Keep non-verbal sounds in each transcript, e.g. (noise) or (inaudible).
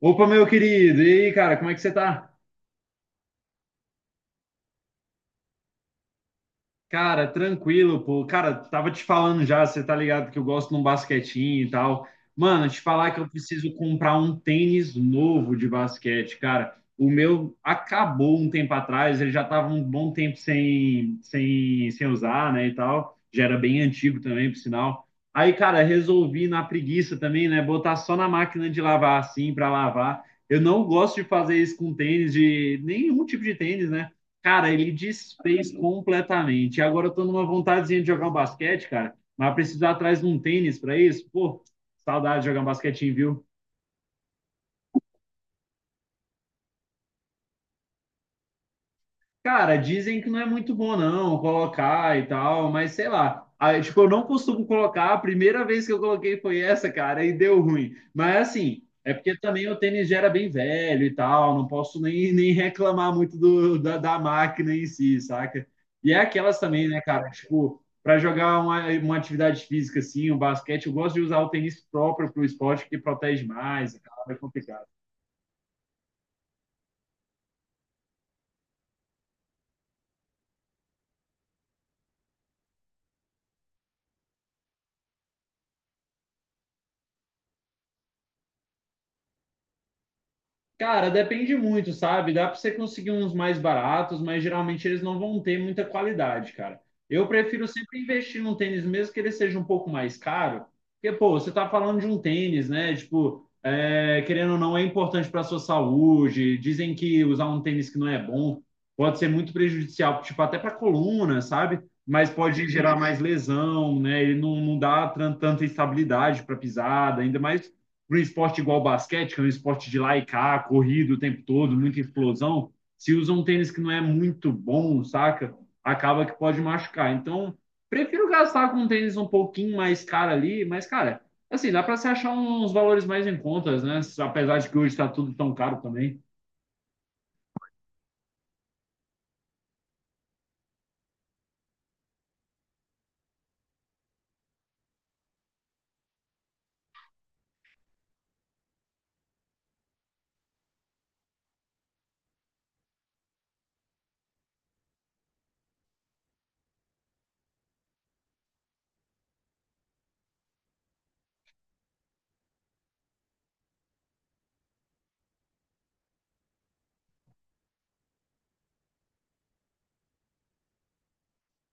Opa, meu querido, e aí, cara, como é que você tá? Cara, tranquilo, pô. Cara, tava te falando já, você tá ligado que eu gosto de um basquetinho e tal. Mano, te falar que eu preciso comprar um tênis novo de basquete, cara. O meu acabou um tempo atrás, ele já tava um bom tempo sem usar, né, e tal. Já era bem antigo também, por sinal. Aí, cara, resolvi na preguiça também, né, botar só na máquina de lavar assim, pra lavar. Eu não gosto de fazer isso com tênis, de nenhum tipo de tênis, né? Cara, ele desfez completamente. Agora eu tô numa vontadezinha de jogar um basquete, cara. Mas precisar preciso atrás de um tênis pra isso. Pô, saudade de jogar um basquetinho, viu? Cara, dizem que não é muito bom não colocar e tal, mas sei lá. Aí, tipo, eu não costumo colocar, a primeira vez que eu coloquei foi essa, cara, e deu ruim. Mas assim, é porque também o tênis já era bem velho e tal, não posso nem reclamar muito da máquina em si, saca? E é aquelas também, né, cara? Tipo, para jogar uma atividade física assim, o basquete, eu gosto de usar o tênis próprio pro esporte, que protege mais, e tal, é complicado. Cara, depende muito, sabe? Dá para você conseguir uns mais baratos, mas geralmente eles não vão ter muita qualidade, cara. Eu prefiro sempre investir num tênis, mesmo que ele seja um pouco mais caro, porque, pô, você tá falando de um tênis, né? Tipo, é, querendo ou não, é importante para sua saúde. Dizem que usar um tênis que não é bom pode ser muito prejudicial, tipo, até para coluna, sabe? Mas pode gerar mais lesão, né? Ele não dá tanta estabilidade para pisada, ainda mais para um esporte igual basquete, que é um esporte de lá e cá, corrido o tempo todo, muita explosão, se usa um tênis que não é muito bom, saca? Acaba que pode machucar. Então, prefiro gastar com um tênis um pouquinho mais caro ali, mas, cara, assim, dá para se achar uns valores mais em contas, né? Apesar de que hoje está tudo tão caro também.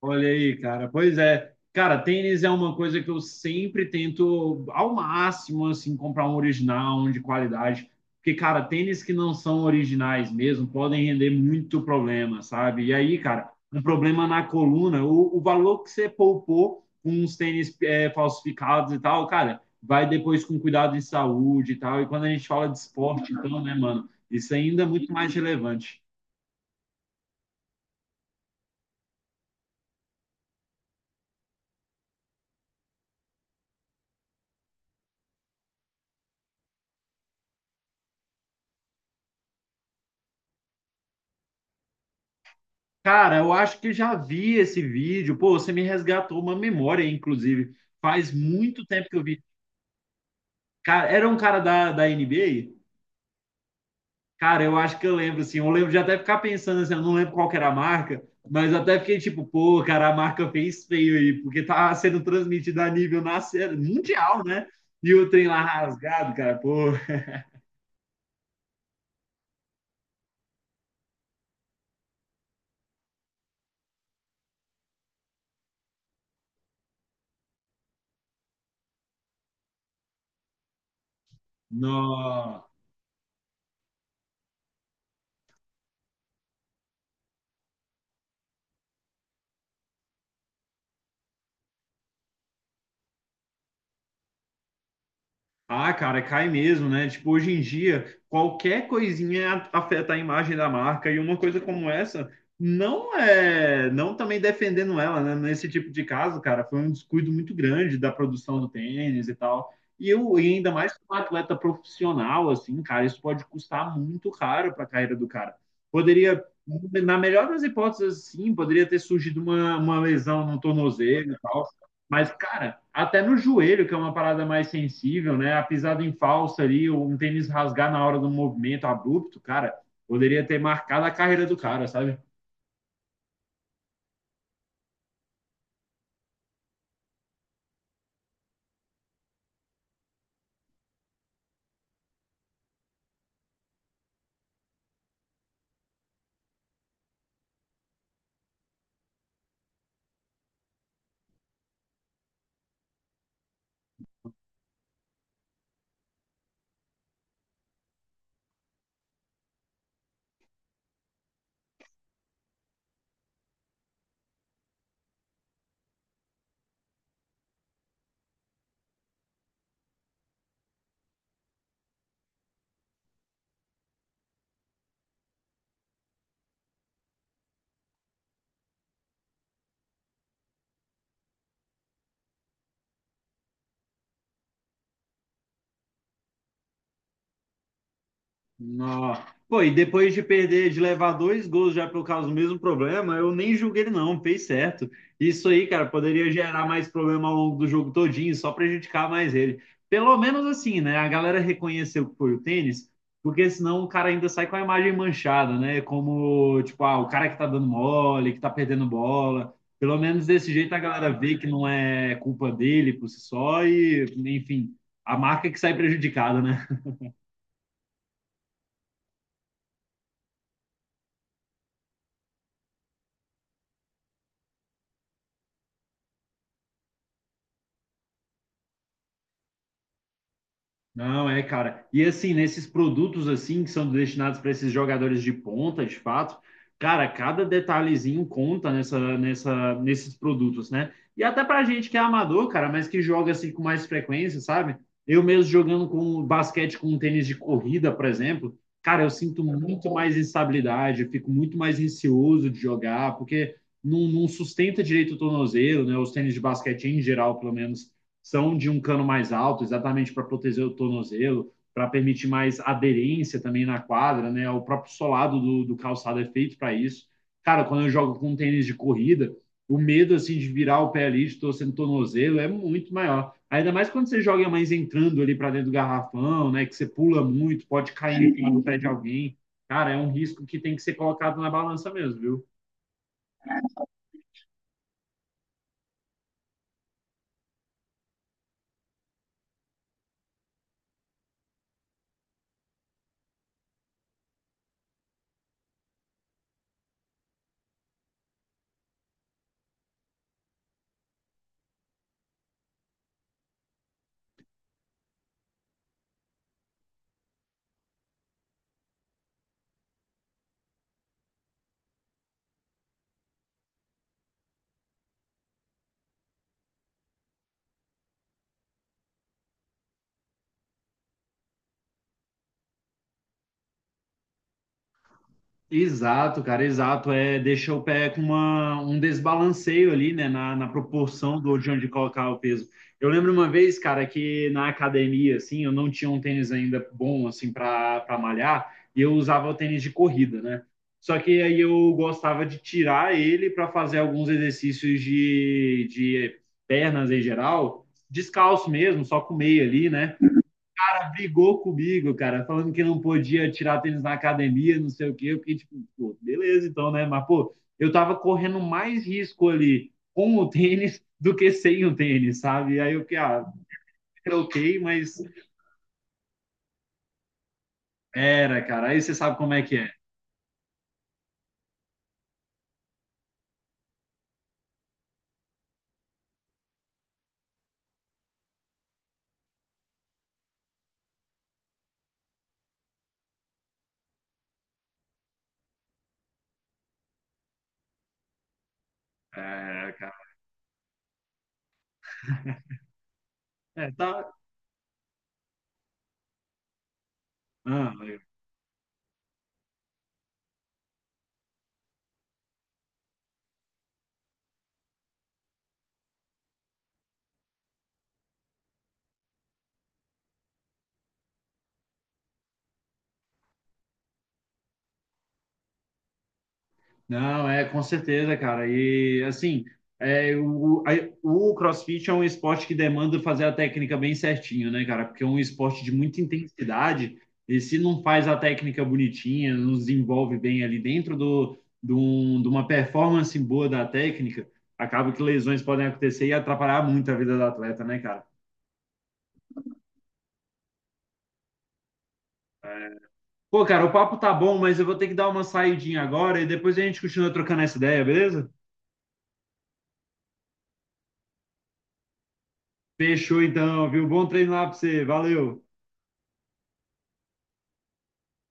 Olha aí, cara. Pois é. Cara, tênis é uma coisa que eu sempre tento ao máximo assim comprar um original, um de qualidade, porque cara, tênis que não são originais mesmo podem render muito problema, sabe? E aí, cara, um problema na coluna, o valor que você poupou com uns tênis é, falsificados e tal, cara, vai depois com cuidado em saúde e tal. E quando a gente fala de esporte, então, né, mano, isso ainda é muito mais relevante. Cara, eu acho que já vi esse vídeo. Pô, você me resgatou uma memória, inclusive. Faz muito tempo que eu vi. Cara, era um cara da NBA. Cara, eu acho que eu lembro, assim. Eu lembro de até ficar pensando, assim, eu não lembro qual que era a marca, mas até fiquei tipo, pô, cara, a marca fez feio aí, porque tá sendo transmitida a nível nacional, mundial, né? E o trem lá rasgado, cara, pô. Nossa. Ah, cara, cai mesmo, né? Tipo, hoje em dia, qualquer coisinha afeta a imagem da marca e uma coisa como essa não é, não também defendendo ela, né? Nesse tipo de caso, cara, foi um descuido muito grande da produção do tênis e tal. E eu, e ainda mais para um atleta profissional, assim, cara, isso pode custar muito caro para a carreira do cara. Poderia, na melhor das hipóteses, sim, poderia ter surgido uma lesão no tornozelo, mas, cara, até no joelho, que é uma parada mais sensível, né? A pisada em falsa ali, um tênis rasgar na hora do movimento abrupto, cara, poderia ter marcado a carreira do cara, sabe? Nó. Pô, e depois de perder, de levar dois gols já por causa do mesmo problema, eu nem julguei ele não, fez certo. Isso aí, cara, poderia gerar mais problema ao longo do jogo todinho, só prejudicar mais ele. Pelo menos assim, né? A galera reconheceu que foi o tênis, porque senão o cara ainda sai com a imagem manchada, né? Como, tipo, ah, o cara que tá dando mole, que tá perdendo bola. Pelo menos desse jeito a galera vê que não é culpa dele por si só e, enfim, a marca que sai prejudicada, né? Não, é, cara. E assim, nesses produtos assim que são destinados para esses jogadores de ponta, de fato, cara, cada detalhezinho conta nesses produtos, né? E até pra gente que é amador, cara, mas que joga assim com mais frequência, sabe? Eu mesmo jogando com basquete com um tênis de corrida, por exemplo, cara, eu sinto muito mais instabilidade, eu fico muito mais receoso de jogar, porque não sustenta direito o tornozelo, né? Os tênis de basquete em geral, pelo menos são de um cano mais alto, exatamente para proteger o tornozelo, para permitir mais aderência também na quadra, né? O próprio solado do calçado é feito para isso. Cara, quando eu jogo com tênis de corrida, o medo assim de virar o pé ali, de torcer no tornozelo, é muito maior. Ainda mais quando você joga mais entrando ali para dentro do garrafão, né? Que você pula muito, pode cair no pé de alguém. Cara, é um risco que tem que ser colocado na balança mesmo, viu? Exato, cara, exato. É, deixa o pé com uma, um desbalanceio ali, né, na proporção do de onde colocar o peso. Eu lembro uma vez, cara, que na academia, assim, eu não tinha um tênis ainda bom, assim, para malhar, e eu usava o tênis de corrida, né? Só que aí eu gostava de tirar ele para fazer alguns exercícios de pernas em geral, descalço mesmo, só com meia ali, né? Brigou comigo, cara, falando que não podia tirar tênis na academia, não sei o quê. Eu fiquei tipo, pô, beleza então, né? Mas, pô, eu tava correndo mais risco ali com o tênis (laughs) do que sem o tênis, sabe? E aí eu fiquei, ah, troquei, mas era, cara. Aí você sabe como é que é. É, cara. (laughs) É, tá. Ah, não, é com certeza, cara. E assim, o CrossFit é um esporte que demanda fazer a técnica bem certinho, né, cara? Porque é um esporte de muita intensidade e se não faz a técnica bonitinha, não desenvolve bem ali dentro de uma performance boa da técnica, acaba que lesões podem acontecer e atrapalhar muito a vida do atleta, né, cara? Pô, cara, o papo tá bom, mas eu vou ter que dar uma saidinha agora e depois a gente continua trocando essa ideia, beleza? Fechou então, viu? Bom treino lá pra você. Valeu!